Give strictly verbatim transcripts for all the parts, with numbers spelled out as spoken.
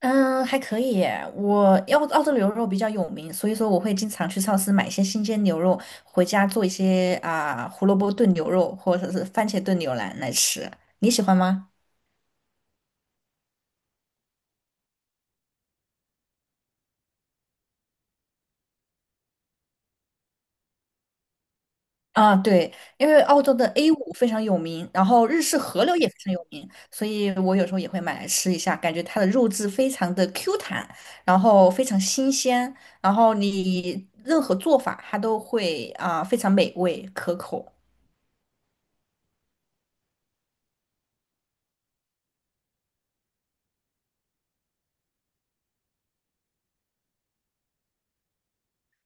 嗯，还可以耶。我澳澳洲牛肉比较有名，所以说我会经常去超市买一些新鲜牛肉，回家做一些啊、胡萝卜炖牛肉或者是番茄炖牛腩来吃。你喜欢吗？啊，对，因为澳洲的 A 五 非常有名，然后日式和牛也非常有名，所以我有时候也会买来吃一下，感觉它的肉质非常的 Q 弹，然后非常新鲜，然后你任何做法它都会啊、非常美味可口。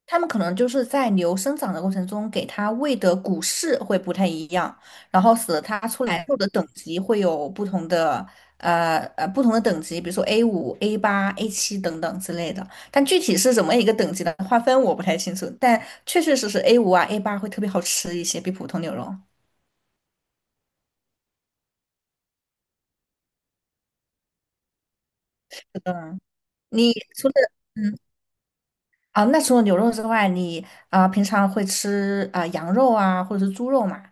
他们可能就是在牛生长的过程中，给它喂的谷饲会不太一样，然后使得它出来后的等级会有不同的，呃呃不同的等级，比如说 A 五、A 八、A 七等等之类的。但具体是怎么一个等级的划分，我不太清楚。但确确实实 A 五啊、A 八会特别好吃一些，比普通牛肉。嗯，你除了啊，那除了牛肉之外，你啊、平常会吃啊、羊肉啊，或者是猪肉嘛？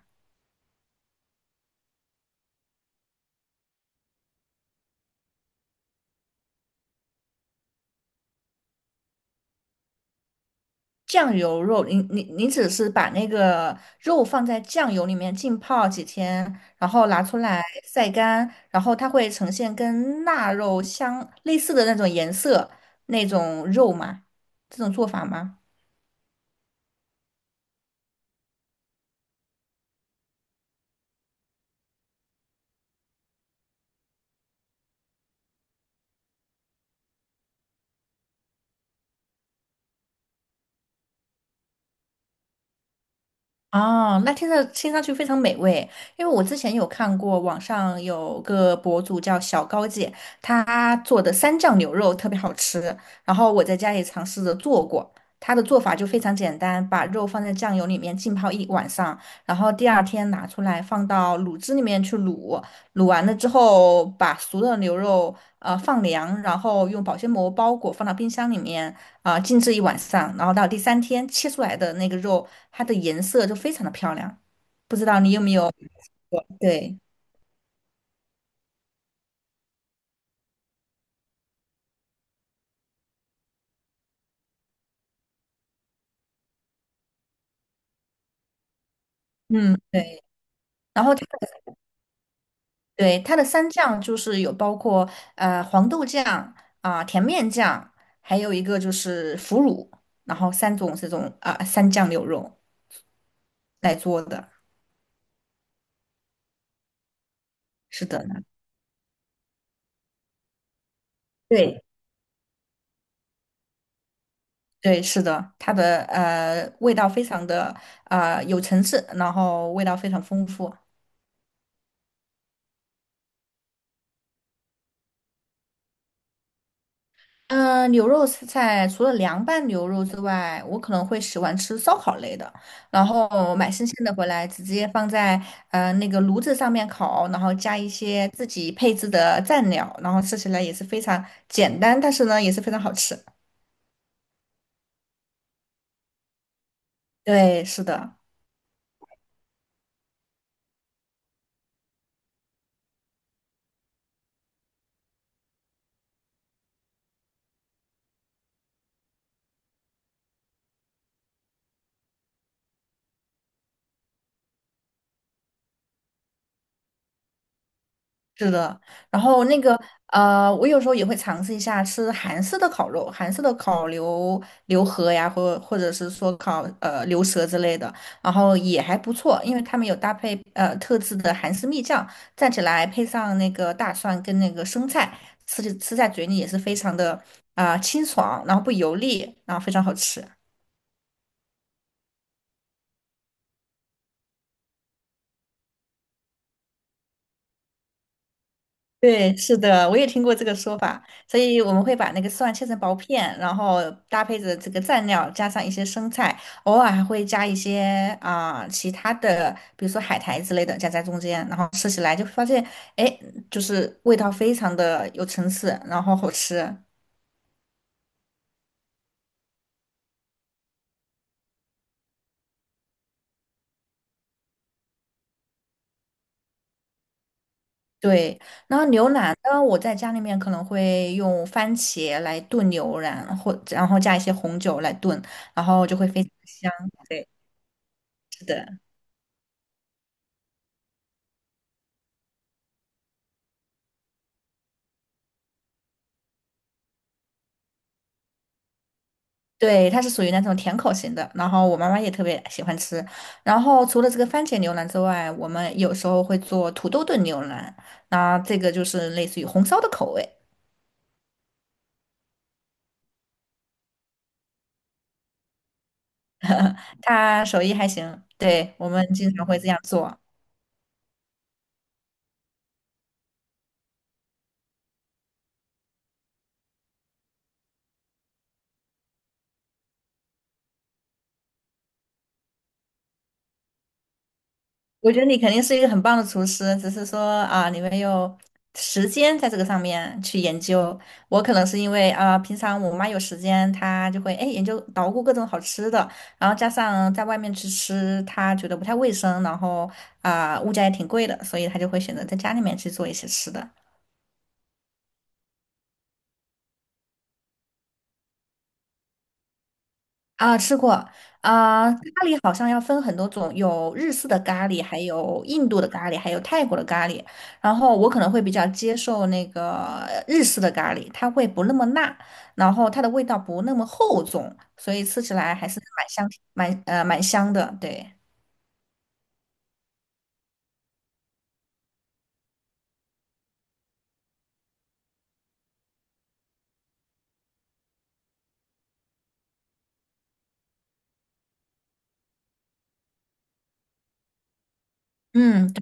酱油肉，你你你只是把那个肉放在酱油里面浸泡几天，然后拿出来晒干，然后它会呈现跟腊肉相类似的那种颜色，那种肉嘛，这种做法吗？哦，那听着听上去非常美味，因为我之前有看过网上有个博主叫小高姐，她做的三酱牛肉特别好吃，然后我在家里尝试着做过，她的做法就非常简单，把肉放在酱油里面浸泡一晚上，然后第二天拿出来放到卤汁里面去卤，卤完了之后把熟的牛肉呃放凉，然后用保鲜膜包裹放到冰箱里面。啊、呃静置一晚上，然后到第三天切出来的那个肉，它的颜色就非常的漂亮。不知道你有没有吃过对，嗯，对。然后它对它的三酱就是有包括呃黄豆酱啊、甜面酱，还有一个就是腐乳，然后三种这种啊、三酱牛肉来做的。是的呢，对对，是的，它的呃味道非常的呃有层次，然后味道非常丰富。嗯，呃牛肉菜除了凉拌牛肉之外，我可能会喜欢吃烧烤类的，然后买新鲜的回来，直接放在呃那个炉子上面烤，然后加一些自己配置的蘸料，然后吃起来也是非常简单，但是呢也是非常好吃。对，是的。是的，然后那个呃，我有时候也会尝试一下吃韩式的烤肉，韩式的烤牛牛河呀，或或者是说烤呃牛舌之类的，然后也还不错，因为他们有搭配呃特制的韩式蜜酱，蘸起来配上那个大蒜跟那个生菜，吃起吃在嘴里也是非常的啊、呃清爽，然后不油腻，然后非常好吃。对，是的，我也听过这个说法，所以我们会把那个蒜切成薄片，然后搭配着这个蘸料，加上一些生菜，偶尔还会加一些啊、其他的，比如说海苔之类的夹在中间，然后吃起来就发现，哎，就是味道非常的有层次，然后好吃。对，然后牛腩呢，我在家里面可能会用番茄来炖牛腩，或然后加一些红酒来炖，然后就会非常香。对，是的。对，它是属于那种甜口型的，然后我妈妈也特别喜欢吃。然后除了这个番茄牛腩之外，我们有时候会做土豆炖牛腩，那这个就是类似于红烧的口味，它手艺还行。对，我们经常会这样做。我觉得你肯定是一个很棒的厨师，只是说啊，你没有时间在这个上面去研究。我可能是因为啊，平常我妈有时间，她就会哎研究捣鼓各种好吃的，然后加上在外面去吃，她觉得不太卫生，然后啊物价也挺贵的，所以她就会选择在家里面去做一些吃的。啊，吃过啊，咖喱好像要分很多种，有日式的咖喱，还有印度的咖喱，还有泰国的咖喱。然后我可能会比较接受那个日式的咖喱，它会不那么辣，然后它的味道不那么厚重，所以吃起来还是蛮香，蛮呃蛮香的。对，嗯，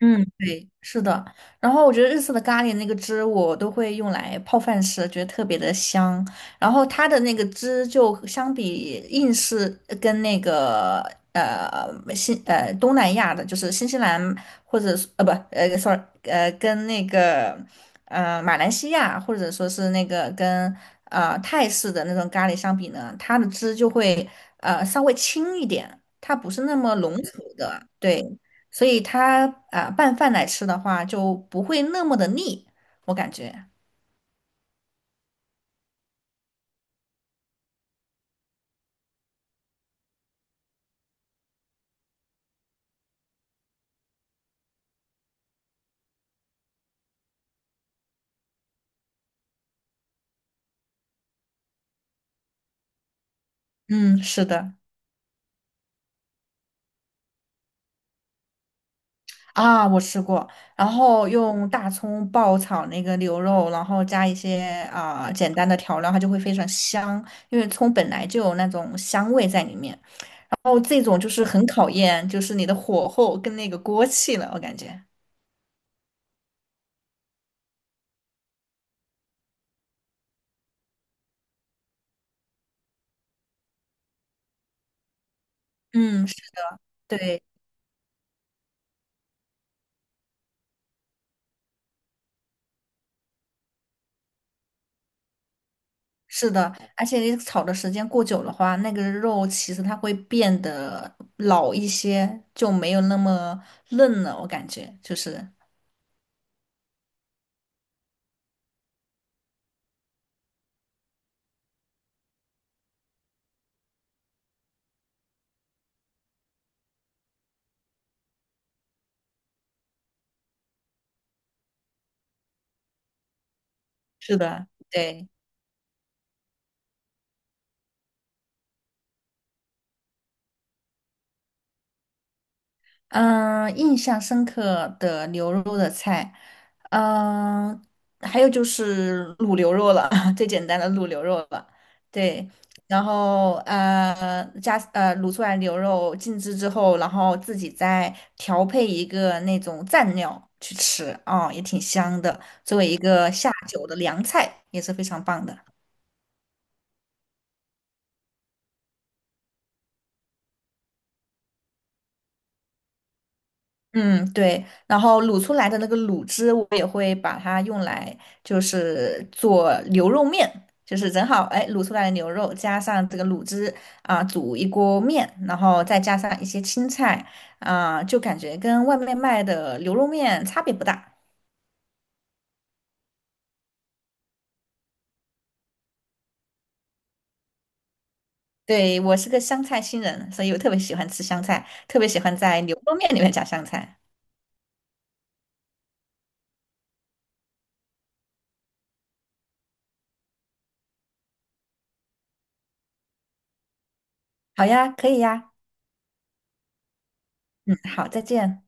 嗯，对，是的。然后我觉得日式的咖喱那个汁，我都会用来泡饭吃，觉得特别的香。然后它的那个汁就相比印式呃跟那个呃新呃东南亚的，就是新西兰或者是呃不呃 sorry 呃跟那个呃马来西亚或者说是那个跟呃泰式的那种咖喱相比呢，它的汁就会呃稍微轻一点，它不是那么浓稠的，对。所以它啊、呃拌饭来吃的话就不会那么的腻，我感觉。嗯，是的，啊，我吃过，然后用大葱爆炒那个牛肉，然后加一些啊、简单的调料，它就会非常香，因为葱本来就有那种香味在里面。然后这种就是很考验，就是你的火候跟那个锅气了，我感觉。嗯，是对。是的，而且你炒的时间过久的话，那个肉其实它会变得老一些，就没有那么嫩了。我感觉就是，是的，对。嗯，印象深刻的牛肉的菜，嗯，还有就是卤牛肉了，最简单的卤牛肉了。对，然后呃，加呃卤出来牛肉静置之后，然后自己再调配一个那种蘸料去吃，哦，也挺香的，作为一个下酒的凉菜，也是非常棒的。嗯，对，然后卤出来的那个卤汁，我也会把它用来就是做牛肉面，就是正好哎卤出来的牛肉加上这个卤汁啊，煮一锅面，然后再加上一些青菜啊，就感觉跟外面卖的牛肉面差别不大。对，我是个香菜新人，所以我特别喜欢吃香菜，特别喜欢在牛肉面里面加香菜。好呀，可以呀，嗯，好，再见。